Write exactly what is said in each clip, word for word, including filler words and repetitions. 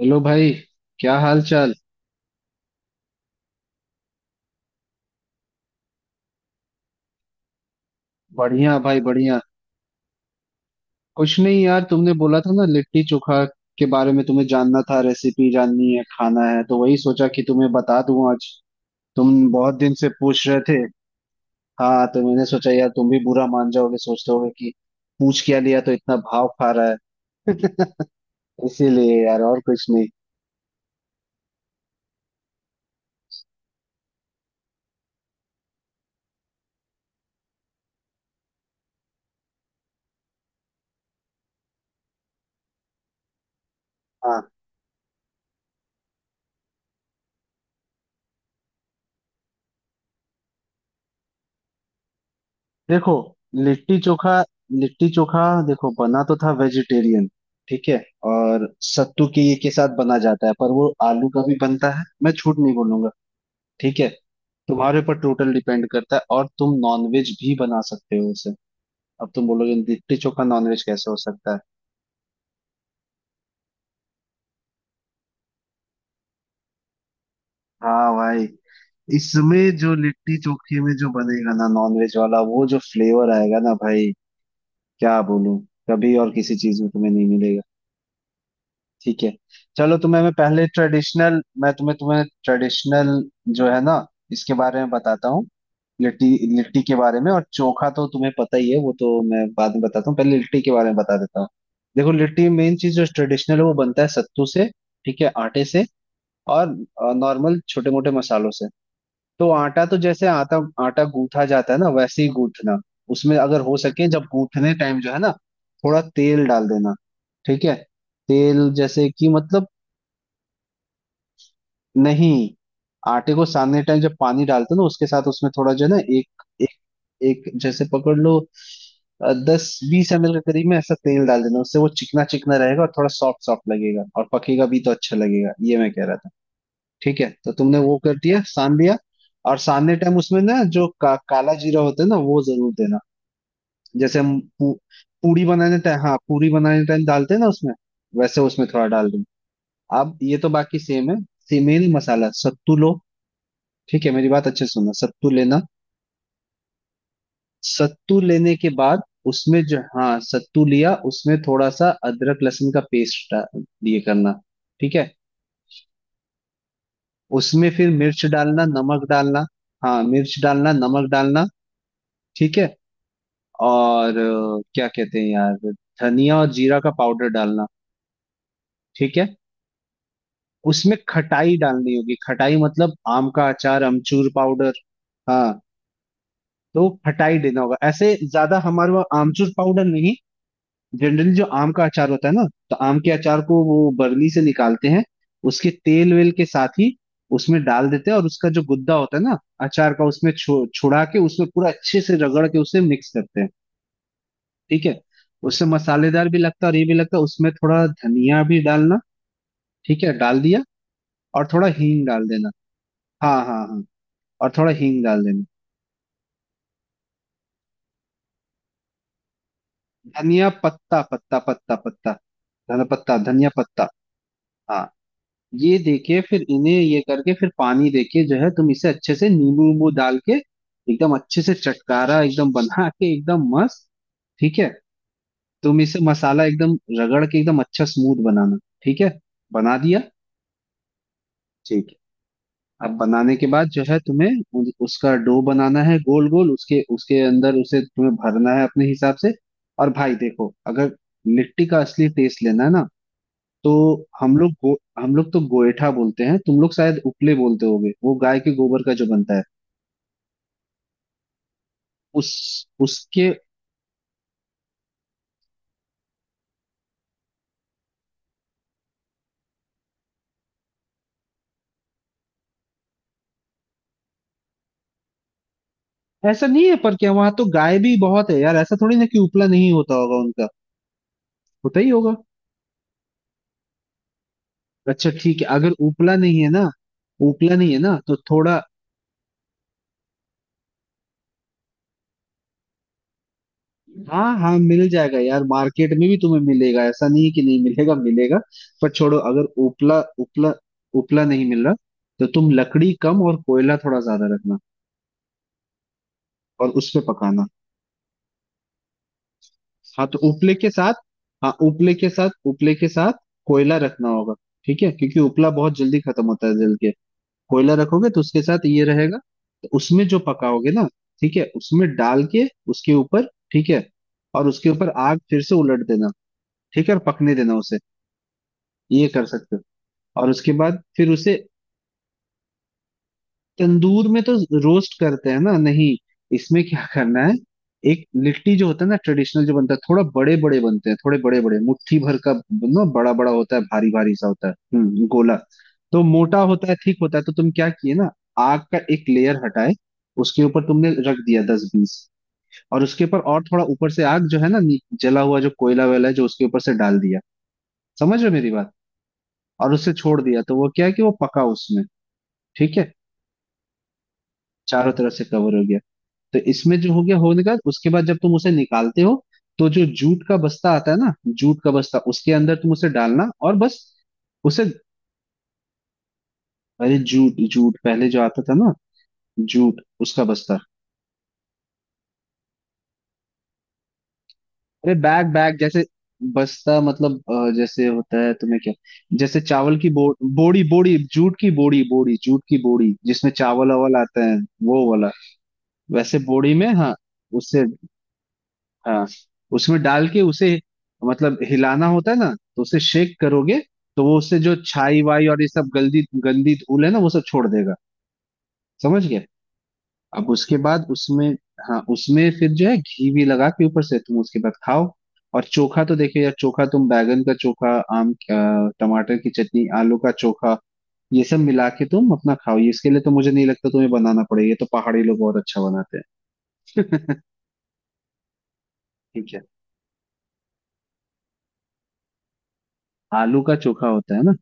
Hello भाई। क्या हाल चाल। बढ़िया भाई बढ़िया। कुछ नहीं यार, तुमने बोला था ना लिट्टी चोखा के बारे में तुम्हें जानना था, रेसिपी जाननी है, खाना है, तो वही सोचा कि तुम्हें बता दूं आज। तुम बहुत दिन से पूछ रहे थे। हाँ तो मैंने सोचा यार, तुम भी बुरा मान जाओगे, सोचते होगे कि पूछ क्या लिया तो इतना भाव खा रहा है। इसीलिए यार, और कुछ नहीं। हाँ। देखो, लिट्टी चोखा, लिट्टी चोखा, देखो बना तो था वेजिटेरियन। ठीक है। और सत्तू के, ये के साथ बना जाता है, पर वो आलू का भी बनता है, मैं झूठ नहीं बोलूंगा। ठीक है। तुम्हारे ऊपर टोटल डिपेंड करता है, और तुम नॉनवेज भी बना सकते हो उसे। अब तुम बोलोगे लिट्टी चोखा नॉनवेज कैसे हो सकता है। हाँ भाई। इसमें जो लिट्टी चोखे में जो बनेगा ना नॉनवेज वाला, वो जो फ्लेवर आएगा ना भाई, क्या बोलूं, कभी और किसी चीज में तुम्हें नहीं मिलेगा। ठीक है। चलो तुम्हें मैं पहले ट्रेडिशनल, मैं तुम्हें तुम्हें ट्रेडिशनल जो है ना इसके बारे में बताता हूँ। लिट्टी, लिट्टी के बारे में, और चोखा तो तुम्हें पता ही है, वो तो मैं बाद में बताता हूँ, पहले लिट्टी के बारे में बता देता हूँ। देखो, लिट्टी मेन चीज जो ट्रेडिशनल है वो बनता है सत्तू से। ठीक है, आटे से। और नॉर्मल छोटे मोटे मसालों से। तो आटा तो, जैसे आटा आटा गूंथा जाता है ना, वैसे ही गूंथना। उसमें अगर हो सके, जब गूंथने टाइम जो है ना, थोड़ा तेल डाल देना। ठीक है। तेल जैसे कि, मतलब। नहीं, आटे को सानने टाइम जब पानी डालते हो ना उसके साथ उसमें थोड़ा जो है ना, एक, एक एक जैसे पकड़ लो दस बीस एमएल के करीब में, ऐसा तेल डाल देना। उससे वो चिकना चिकना रहेगा और थोड़ा सॉफ्ट सॉफ्ट लगेगा और पकेगा भी तो अच्छा लगेगा, ये मैं कह रहा था। ठीक है, तो तुमने वो कर दिया, सान लिया। और सानने टाइम उसमें ना जो का, काला जीरा होता है ना वो जरूर देना। जैसे हम पू, पूड़ी बनाने टाइम, हाँ पूड़ी बनाने टाइम डालते हैं ना उसमें। वैसे उसमें थोड़ा डाल देना। अब ये तो बाकी सेम है। सेम ही मसाला, सत्तू लो। ठीक है, मेरी बात अच्छे से सुनना, सत्तू लेना। सत्तू लेने के बाद। उसमें जो, हाँ सत्तू लिया, उसमें थोड़ा सा अदरक लहसुन का पेस्ट दिए करना। ठीक है। उसमें फिर मिर्च डालना, नमक डालना। हाँ, मिर्च डालना, नमक डालना। ठीक है। और अ, क्या कहते हैं यार, धनिया और जीरा का पाउडर डालना। ठीक है। उसमें खटाई डालनी होगी, खटाई मतलब आम का अचार, अमचूर पाउडर। हाँ, तो खटाई देना होगा, ऐसे ज्यादा हमारे वहाँ आमचूर पाउडर नहीं। जनरली जो आम का अचार होता है ना, तो आम के अचार को वो बरनी से निकालते हैं, उसके तेल वेल के साथ ही उसमें डाल देते हैं, और उसका जो गुद्दा होता है ना अचार का, उसमें छो, छुड़ा के उसमें पूरा अच्छे से रगड़ के उसे मिक्स करते हैं। ठीक है। उससे मसालेदार भी लगता है और ये भी लगता है। उसमें थोड़ा धनिया भी डालना। ठीक है, डाल दिया। और थोड़ा हींग डाल देना। हाँ हाँ हाँ। और थोड़ा हींग डाल देना। धनिया पत्ता पत्ता पत्ता पत्ता। धनिया पत्ता, धनिया पत्ता। हाँ। ये देके फिर इन्हें, ये करके फिर पानी देके जो है, तुम इसे अच्छे से नींबू वींबू डाल के एकदम अच्छे से चटकारा एकदम बना के एकदम मस्त। ठीक है। तुम इसे मसाला एकदम रगड़ के एकदम अच्छा स्मूथ बनाना। ठीक है, बना दिया। ठीक है। अब बनाने के बाद जो है तुम्हें उ- उसका डो बनाना है, गोल गोल, उसके उसके अंदर उसे तुम्हें भरना है अपने हिसाब से। और भाई देखो, अगर लिट्टी का असली टेस्ट लेना है ना, तो हम लोग गो, हम लोग तो गोएठा बोलते हैं, तुम लोग शायद उपले बोलते होगे, वो गाय के गोबर का जो बनता है उस उसके। ऐसा नहीं है, पर क्या वहां तो गाय भी बहुत है यार, ऐसा थोड़ी ना कि उपला नहीं होता होगा उनका, होता ही होगा। अच्छा ठीक है, अगर उपला नहीं है ना, उपला नहीं है ना, तो थोड़ा। हाँ हाँ, मिल जाएगा यार, मार्केट में भी तुम्हें मिलेगा, ऐसा नहीं है कि नहीं मिलेगा, मिलेगा। पर छोड़ो, अगर उपला उपला उपला नहीं मिल रहा, तो तुम लकड़ी कम और कोयला थोड़ा ज्यादा रखना। और उस पे पकाना। हाँ, तो उपले के साथ। हाँ, उपले के साथ, उपले के साथ। कोयला रखना होगा। ठीक है, क्योंकि उपला बहुत जल्दी खत्म होता है जल के। कोयला रखोगे तो उसके साथ ये रहेगा। तो उसमें जो पकाओगे ना। ठीक है, उसमें डाल के। उसके ऊपर। ठीक है। और उसके ऊपर आग फिर से उलट देना। ठीक है, और पकने देना उसे। ये कर सकते हो। और उसके बाद फिर उसे। तंदूर में तो रोस्ट करते हैं ना, नहीं, इसमें क्या करना है। एक लिट्टी जो होता है ना ट्रेडिशनल जो बनता है, थोड़ा बड़े बड़े बनते हैं, थोड़े बड़े बड़े मुट्ठी भर का ना, बड़ा बड़ा होता है, भारी भारी सा होता है, हम्म गोला। तो मोटा होता है, ठीक होता है, तो तुम क्या किए ना, आग का एक लेयर हटाए, उसके ऊपर तुमने रख दिया दस बीस, और उसके ऊपर और थोड़ा ऊपर से आग जो है ना, नी- जला हुआ जो कोयला वेला है जो उसके ऊपर से डाल दिया। समझ रहे हो मेरी बात? और उसे छोड़ दिया, तो वो क्या है कि वो पका उसमें। ठीक है। चारों तरफ से कवर हो गया। तो इसमें जो हो गया होने का, उसके बाद जब तुम उसे निकालते हो, तो जो जूट का बस्ता आता है ना, जूट का बस्ता उसके अंदर तुम उसे डालना, और बस उसे। अरे जूट जूट पहले जो आता था ना, जूट उसका बस्ता। अरे बैग बैग जैसे। बस्ता मतलब अ, जैसे होता है, तुम्हें क्या, जैसे चावल की बो, बोड़ी बोड़ी जूट की, बोड़ी बोड़ी जूट की बोड़ी जिसमें चावल वावल आता है। वो वाला। वैसे बोड़ी में, हाँ। उससे, हाँ, उसमें डाल के उसे, मतलब हिलाना होता है ना, तो उसे शेक करोगे, तो वो उससे जो छाई वाई और ये सब गंदी गंदी धूल है ना वो सब छोड़ देगा। समझ गए। अब उसके बाद उसमें, हाँ उसमें फिर जो है घी भी लगा के ऊपर से तुम उसके बाद खाओ। और चोखा तो देखो यार, चोखा तुम बैगन का चोखा, आम अ, टमाटर की चटनी, आलू का चोखा, ये सब मिला के तुम अपना खाओ, ये इसके लिए तो मुझे नहीं लगता तुम्हें बनाना पड़ेगा, ये तो पहाड़ी लोग बहुत अच्छा बनाते हैं। ठीक है, आलू का चोखा होता है ना,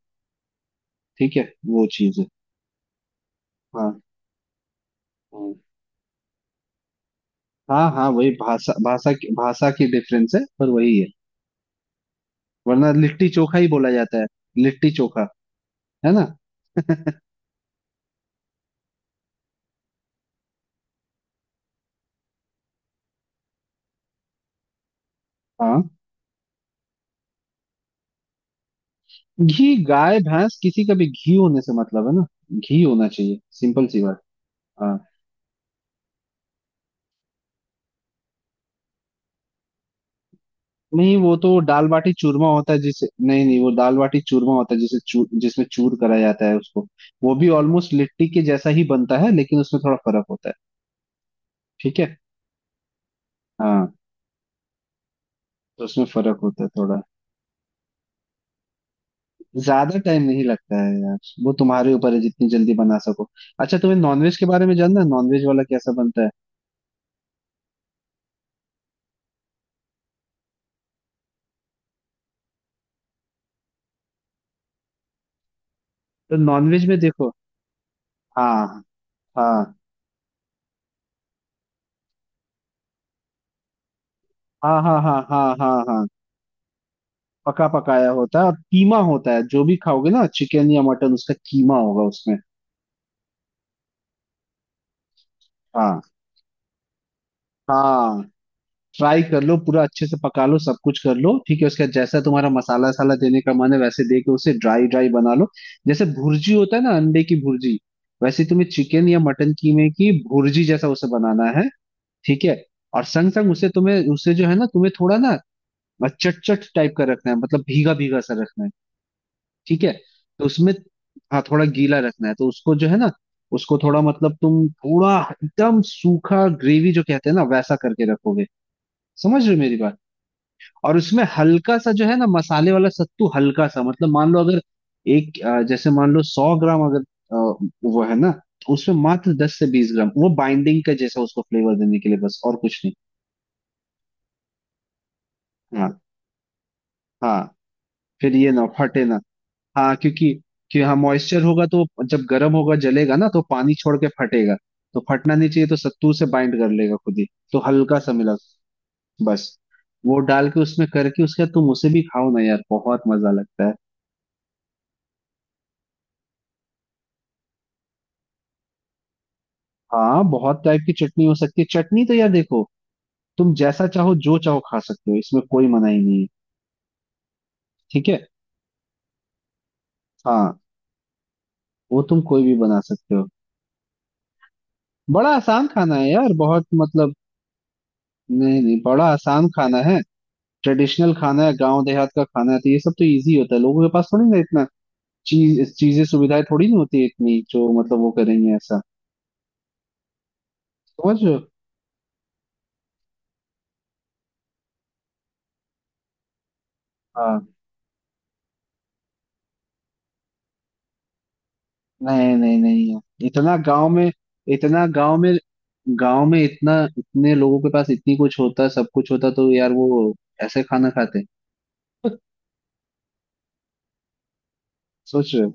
ठीक है, वो चीज है। हाँ हाँ हाँ हाँ, वही भाषा, भाषा की भाषा की डिफरेंस है, पर वही है। वरना लिट्टी चोखा ही बोला जाता है। लिट्टी चोखा, है ना। हाँ। घी गाय भैंस किसी का भी घी होने से मतलब है ना, घी होना चाहिए, सिंपल सी बात। हाँ। नहीं, वो तो दाल बाटी चूरमा होता है जिसे, नहीं नहीं, वो दाल बाटी चूरमा होता है, जिसे चू, जिसमें चूर करा जाता है उसको। वो भी ऑलमोस्ट लिट्टी के जैसा ही बनता है, लेकिन उसमें थोड़ा फर्क होता है। ठीक है। हाँ तो उसमें फर्क होता है थोड़ा। ज्यादा टाइम नहीं लगता है यार। वो तुम्हारे ऊपर है जितनी जल्दी बना सको। अच्छा, तुम्हें नॉनवेज के बारे में जानना है? नॉनवेज वाला कैसा बनता है। तो नॉनवेज में देखो। हाँ हाँ हाँ हाँ हाँ हाँ हाँ हाँ। पका पकाया होता है, और कीमा होता है, जो भी खाओगे ना, चिकन या मटन, उसका कीमा होगा उसमें। हाँ हाँ। ट्राई कर लो पूरा अच्छे से, पका लो सब कुछ कर लो, ठीक है, उसके बाद जैसा तुम्हारा मसाला साला देने का मन है वैसे दे के उसे ड्राई ड्राई बना लो। जैसे भुर्जी होता है ना, अंडे की भुर्जी, वैसे तुम्हें चिकन या मटन कीमे की भुर्जी जैसा उसे बनाना है। ठीक है। और संग संग उसे तुम्हें, उसे जो है ना, तुम्हें थोड़ा ना चटचट टाइप का रखना है, मतलब भीगा भीगा सा रखना है। ठीक है। तो उसमें, हाँ, थोड़ा गीला रखना है, तो उसको जो है ना, उसको थोड़ा, मतलब तुम थोड़ा एकदम सूखा ग्रेवी जो कहते हैं ना वैसा करके रखोगे। समझ रहे हो मेरी बात? और उसमें हल्का सा जो है ना मसाले वाला सत्तू हल्का सा, मतलब मान लो अगर, एक अ, जैसे मान लो सौ ग्राम अगर, अ, वो है ना, तो उसमें मात्र दस से बीस ग्राम वो बाइंडिंग का जैसा उसको फ्लेवर देने के लिए बस, और कुछ नहीं। हाँ हाँ, फिर ये ना फटे ना। हाँ क्योंकि, कि हाँ मॉइस्चर होगा तो जब गर्म होगा जलेगा ना तो पानी छोड़ के फटेगा। तो फटना नहीं चाहिए, तो सत्तू से बाइंड कर लेगा खुद ही। तो हल्का सा मिला, बस, वो डाल के उसमें करके उसके बाद तुम उसे भी खाओ ना यार, बहुत मजा लगता है। हाँ, बहुत टाइप की चटनी हो सकती है, चटनी तो यार देखो, तुम जैसा चाहो जो चाहो खा सकते हो, इसमें कोई मनाही नहीं है। ठीक है। हाँ, वो तुम कोई भी बना सकते हो। बड़ा आसान खाना है यार, बहुत मतलब, नहीं नहीं, बड़ा आसान खाना है। ट्रेडिशनल खाना है, गांव देहात का खाना है, तो ये सब तो इजी होता है, लोगों के पास थोड़ी ना इतना चीज चीजें सुविधाएं थोड़ी नहीं होती है इतनी, जो मतलब वो करेंगे ऐसा। समझ रहे हो? हाँ। नहीं नहीं नहीं यार, इतना गांव में, इतना गांव में, गांव में इतना, इतने लोगों के पास इतनी कुछ होता, सब कुछ होता तो यार वो ऐसे खाना खाते। सोच रहे हो?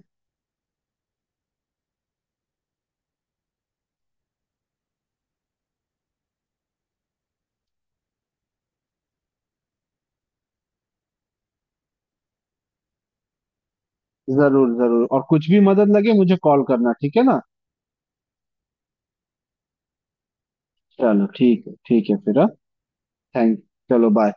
जरूर जरूर, और कुछ भी मदद लगे मुझे कॉल करना, ठीक है ना। चलो, ठीक है, ठीक है, फिर हाँ। थैंक। चलो बाय।